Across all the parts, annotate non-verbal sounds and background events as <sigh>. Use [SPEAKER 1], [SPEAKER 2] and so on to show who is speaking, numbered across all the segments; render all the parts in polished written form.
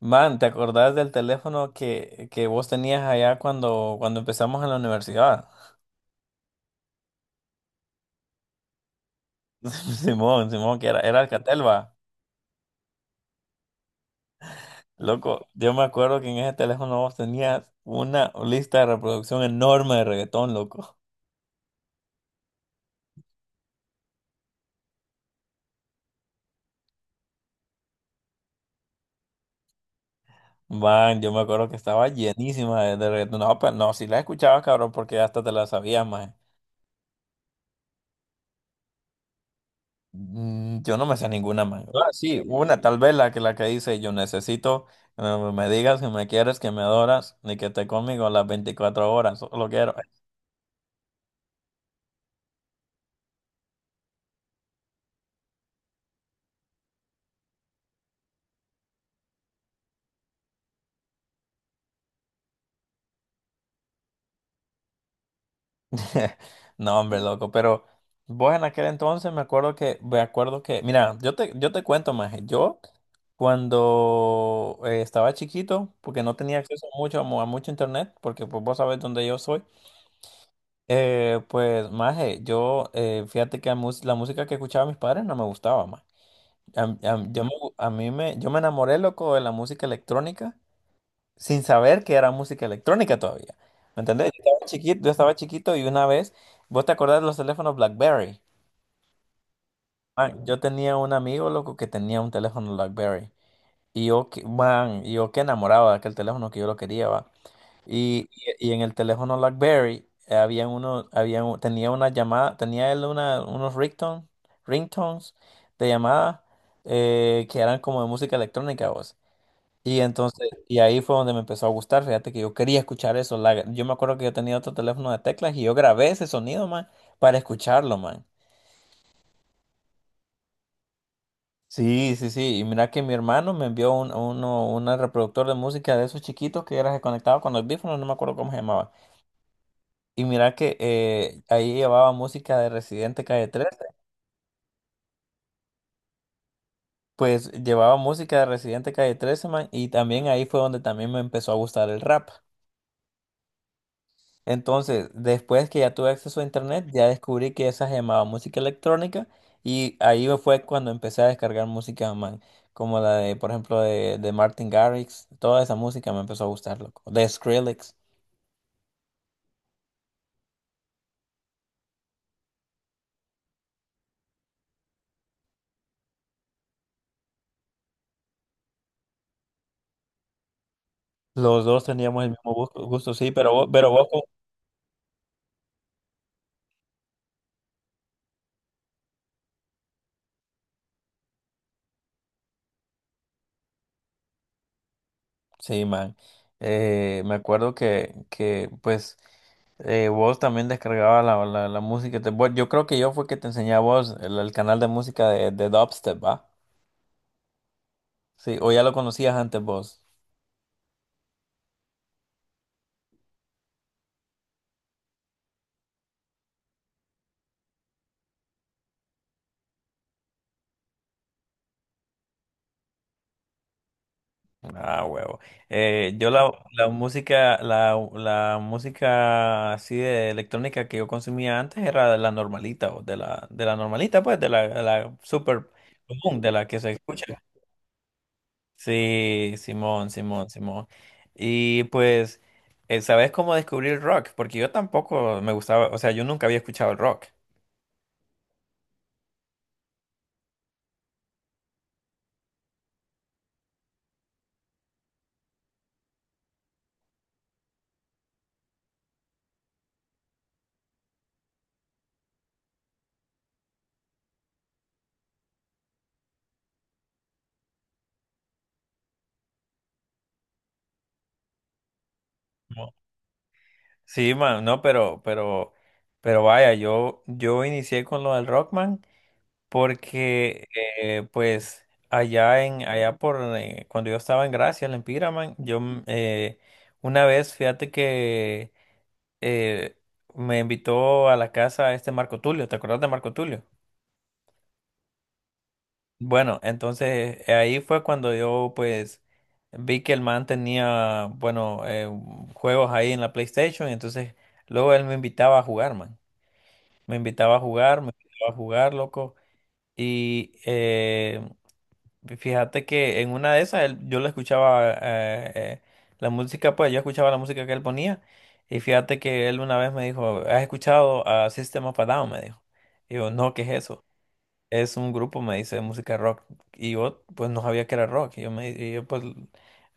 [SPEAKER 1] Man, ¿te acordás del teléfono que vos tenías allá cuando empezamos en la universidad? <laughs> Simón, Simón, que era Alcatel, va. Loco, yo me acuerdo que en ese teléfono vos tenías una lista de reproducción enorme de reggaetón, loco. Man, yo me acuerdo que estaba llenísima de reggaetón. No, pero no, si la escuchabas, cabrón, porque hasta te la sabías, más. Yo no me sé ninguna más. No, ah, sí, una, tal vez la que dice, yo necesito me digas que me quieres, que me adoras, ni que te conmigo las 24 horas, solo quiero. <laughs> No, hombre, loco, pero vos en aquel entonces me acuerdo que, mira, yo te cuento más, yo cuando estaba chiquito, porque no tenía acceso mucho, a mucho internet, porque pues vos sabés dónde yo soy. Pues, maje, fíjate que la música que escuchaba mis padres no me gustaba, más. A- yo me, a mí me, yo me enamoré, loco, de la música electrónica sin saber que era música electrónica todavía. ¿Me entendés? Yo estaba chiquito y una vez, ¿vos te acordás de los teléfonos BlackBerry? Man, yo tenía un amigo, loco, que tenía un teléfono BlackBerry. Y yo que enamoraba de aquel teléfono que yo lo quería, va. Y, y en el teléfono BlackBerry había uno, había un- tenía una llamada, tenía él una, unos ringtones de llamada que eran como de música electrónica, vos. Y entonces, y ahí fue donde me empezó a gustar. Fíjate que yo quería escuchar eso. Yo me acuerdo que yo tenía otro teléfono de teclas y yo grabé ese sonido, man, para escucharlo, man. Sí, sí, sí. Y mira que mi hermano me envió una reproductor de música de esos chiquitos que era conectado con los audífonos, no me acuerdo cómo se llamaba. Y mira que ahí llevaba música de Residente Calle 13. Pues llevaba música de Residente Calle 13, man. Y también ahí fue donde también me empezó a gustar el rap. Entonces, después que ya tuve acceso a internet, ya descubrí que esa se llamaba música electrónica y ahí fue cuando empecé a descargar música, man, como la de, por ejemplo, de Martin Garrix, toda esa música me empezó a gustar, loco, de Skrillex. Los dos teníamos el mismo gusto, sí, sí, man. Me acuerdo que pues, vos también descargabas la música. Bueno, yo creo que yo fue que te enseñé a vos el canal de música de Dubstep, ¿va? Sí, o ya lo conocías antes vos. Ah, huevo. Yo la música así de electrónica que yo consumía antes era de la normalita, o de la normalita, pues, de la super común, de la que se escucha. Sí, Simón, Simón, Simón. Y pues, ¿sabes cómo descubrí el rock? Porque yo tampoco me gustaba, o sea, yo nunca había escuchado el rock. No. Sí, man, no, pero vaya, yo inicié con lo del Rockman. Porque pues, allá en, allá por, cuando yo estaba en Gracia, en Piraman, una vez, fíjate que eh, me invitó a la casa este Marco Tulio. ¿Te acuerdas de Marco Tulio? Bueno, entonces ahí fue cuando yo, pues, vi que el man tenía, bueno, juegos ahí en la PlayStation, y entonces luego él me invitaba a jugar, man. Me invitaba a jugar, me invitaba a jugar, loco. Y fíjate que en una de esas yo le escuchaba la música, pues yo escuchaba la música que él ponía y fíjate que él una vez me dijo, ¿has escuchado a System of a Down? Me dijo. Y yo, no, ¿qué es eso? Es un grupo, me dice, de música rock. Y yo, pues no sabía que era rock. Y yo, me, y yo pues,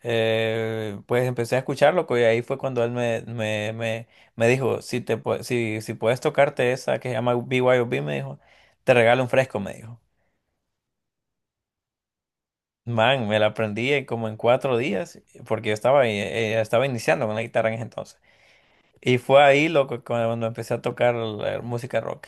[SPEAKER 1] pues empecé a escucharlo y ahí fue cuando él me dijo, si puedes tocarte esa que se llama BYOB, me dijo, te regalo un fresco, me dijo. Man, me la aprendí en como en 4 días, porque yo estaba iniciando con la guitarra en ese entonces. Y fue ahí, loco, cuando empecé a tocar la música rock.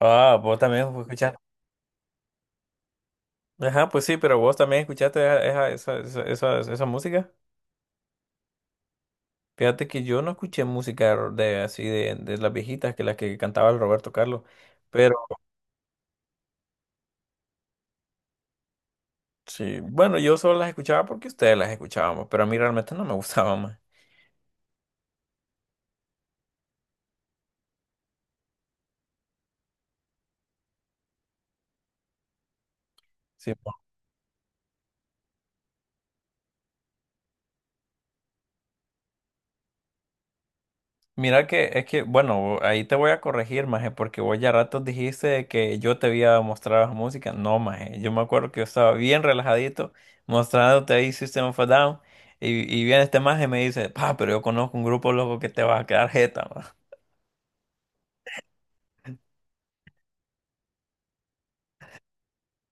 [SPEAKER 1] Ah, vos también escuchaste. Ajá, pues sí, pero vos también escuchaste esa música. Fíjate que yo no escuché música de así de las viejitas que las que cantaba el Roberto Carlos. Pero sí, bueno, yo solo las escuchaba porque ustedes las escuchábamos, pero a mí realmente no me <laughs> gustaban más. Sí. Mira que es que, bueno, ahí te voy a corregir, maje, porque vos ya ratos dijiste que yo te había mostrado esa música. No, maje, yo me acuerdo que yo estaba bien relajadito mostrándote ahí System of a Down y viene este maje y me dice, pa, pero yo conozco un grupo loco que te va a quedar jeta, ma". <laughs>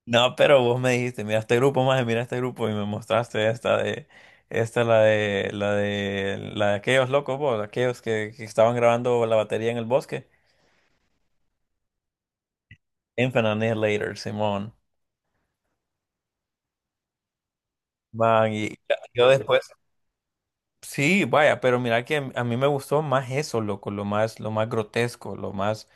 [SPEAKER 1] No, pero vos me dijiste, mira este grupo, maje, mira este grupo y me mostraste esta de, esta la de, la de, la de aquellos locos, vos, aquellos que estaban grabando la batería en el bosque. Infinite Annihilator, Simón. Man, y yo después Sí, vaya, pero mira que a mí me gustó más eso, loco, lo más, grotesco, lo más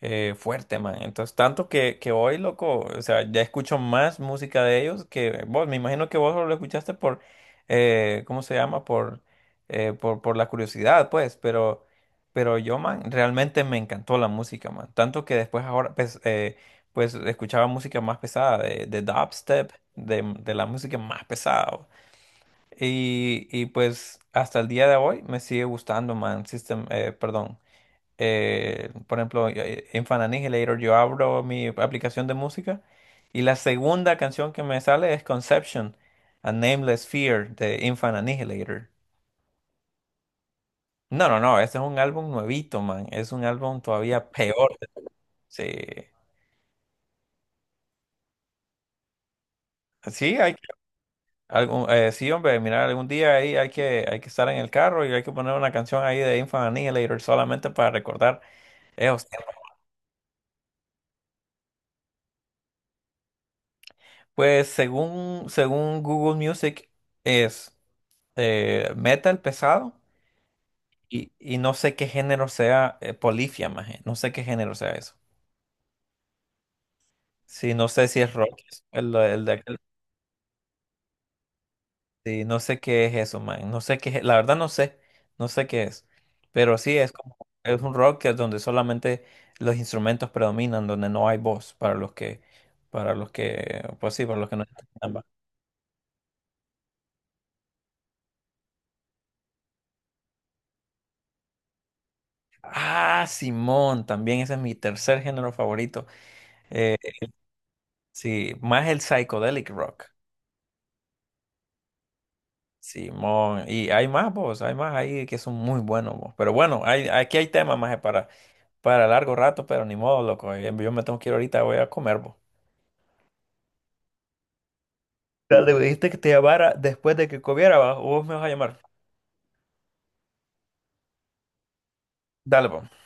[SPEAKER 1] fuerte, man. Entonces, tanto que hoy, loco, o sea, ya escucho más música de ellos que vos. Me imagino que vos solo lo escuchaste por, ¿cómo se llama? Por, por la curiosidad, pues, pero yo, man, realmente me encantó la música, man. Tanto que después ahora, pues, pues escuchaba música más pesada, de dubstep, de la música más pesada. Y pues hasta el día de hoy me sigue gustando, man. Perdón. Por ejemplo, en Fan Annihilator yo abro mi aplicación de música y la segunda canción que me sale es Conception, A Nameless Fear de Infant Annihilator. No, no, no, este es un álbum nuevito, man. Es un álbum todavía peor. Sí, sí, hay que, sí, hombre, mira, algún día ahí hay que, estar en el carro y hay que poner una canción ahí de Infant Annihilator solamente para recordar esos pues. Según Google Music es metal pesado, y no sé qué género sea polifia, maje. No sé qué género sea eso. Sí, no sé si es rock. El, el de aquel- sí, no sé qué es eso, man. No sé qué es- La verdad no sé. No sé qué es. Pero sí es como es un rock que es donde solamente los instrumentos predominan, donde no hay voz para los que pues sí, para los que no entiendan, va. Ah, Simón, también ese es mi tercer género favorito. eh, Sí, más el psychedelic rock. Sí, y hay más, vos, hay más ahí que son muy buenos, vos. Pero bueno, aquí hay temas más para, largo rato, pero ni modo, loco. Yo me tengo que ir ahorita, voy a comer, vos. Dale, dijiste que te llamara después de que comiera, ¿va? O vos me vas a llamar. Dale, vos.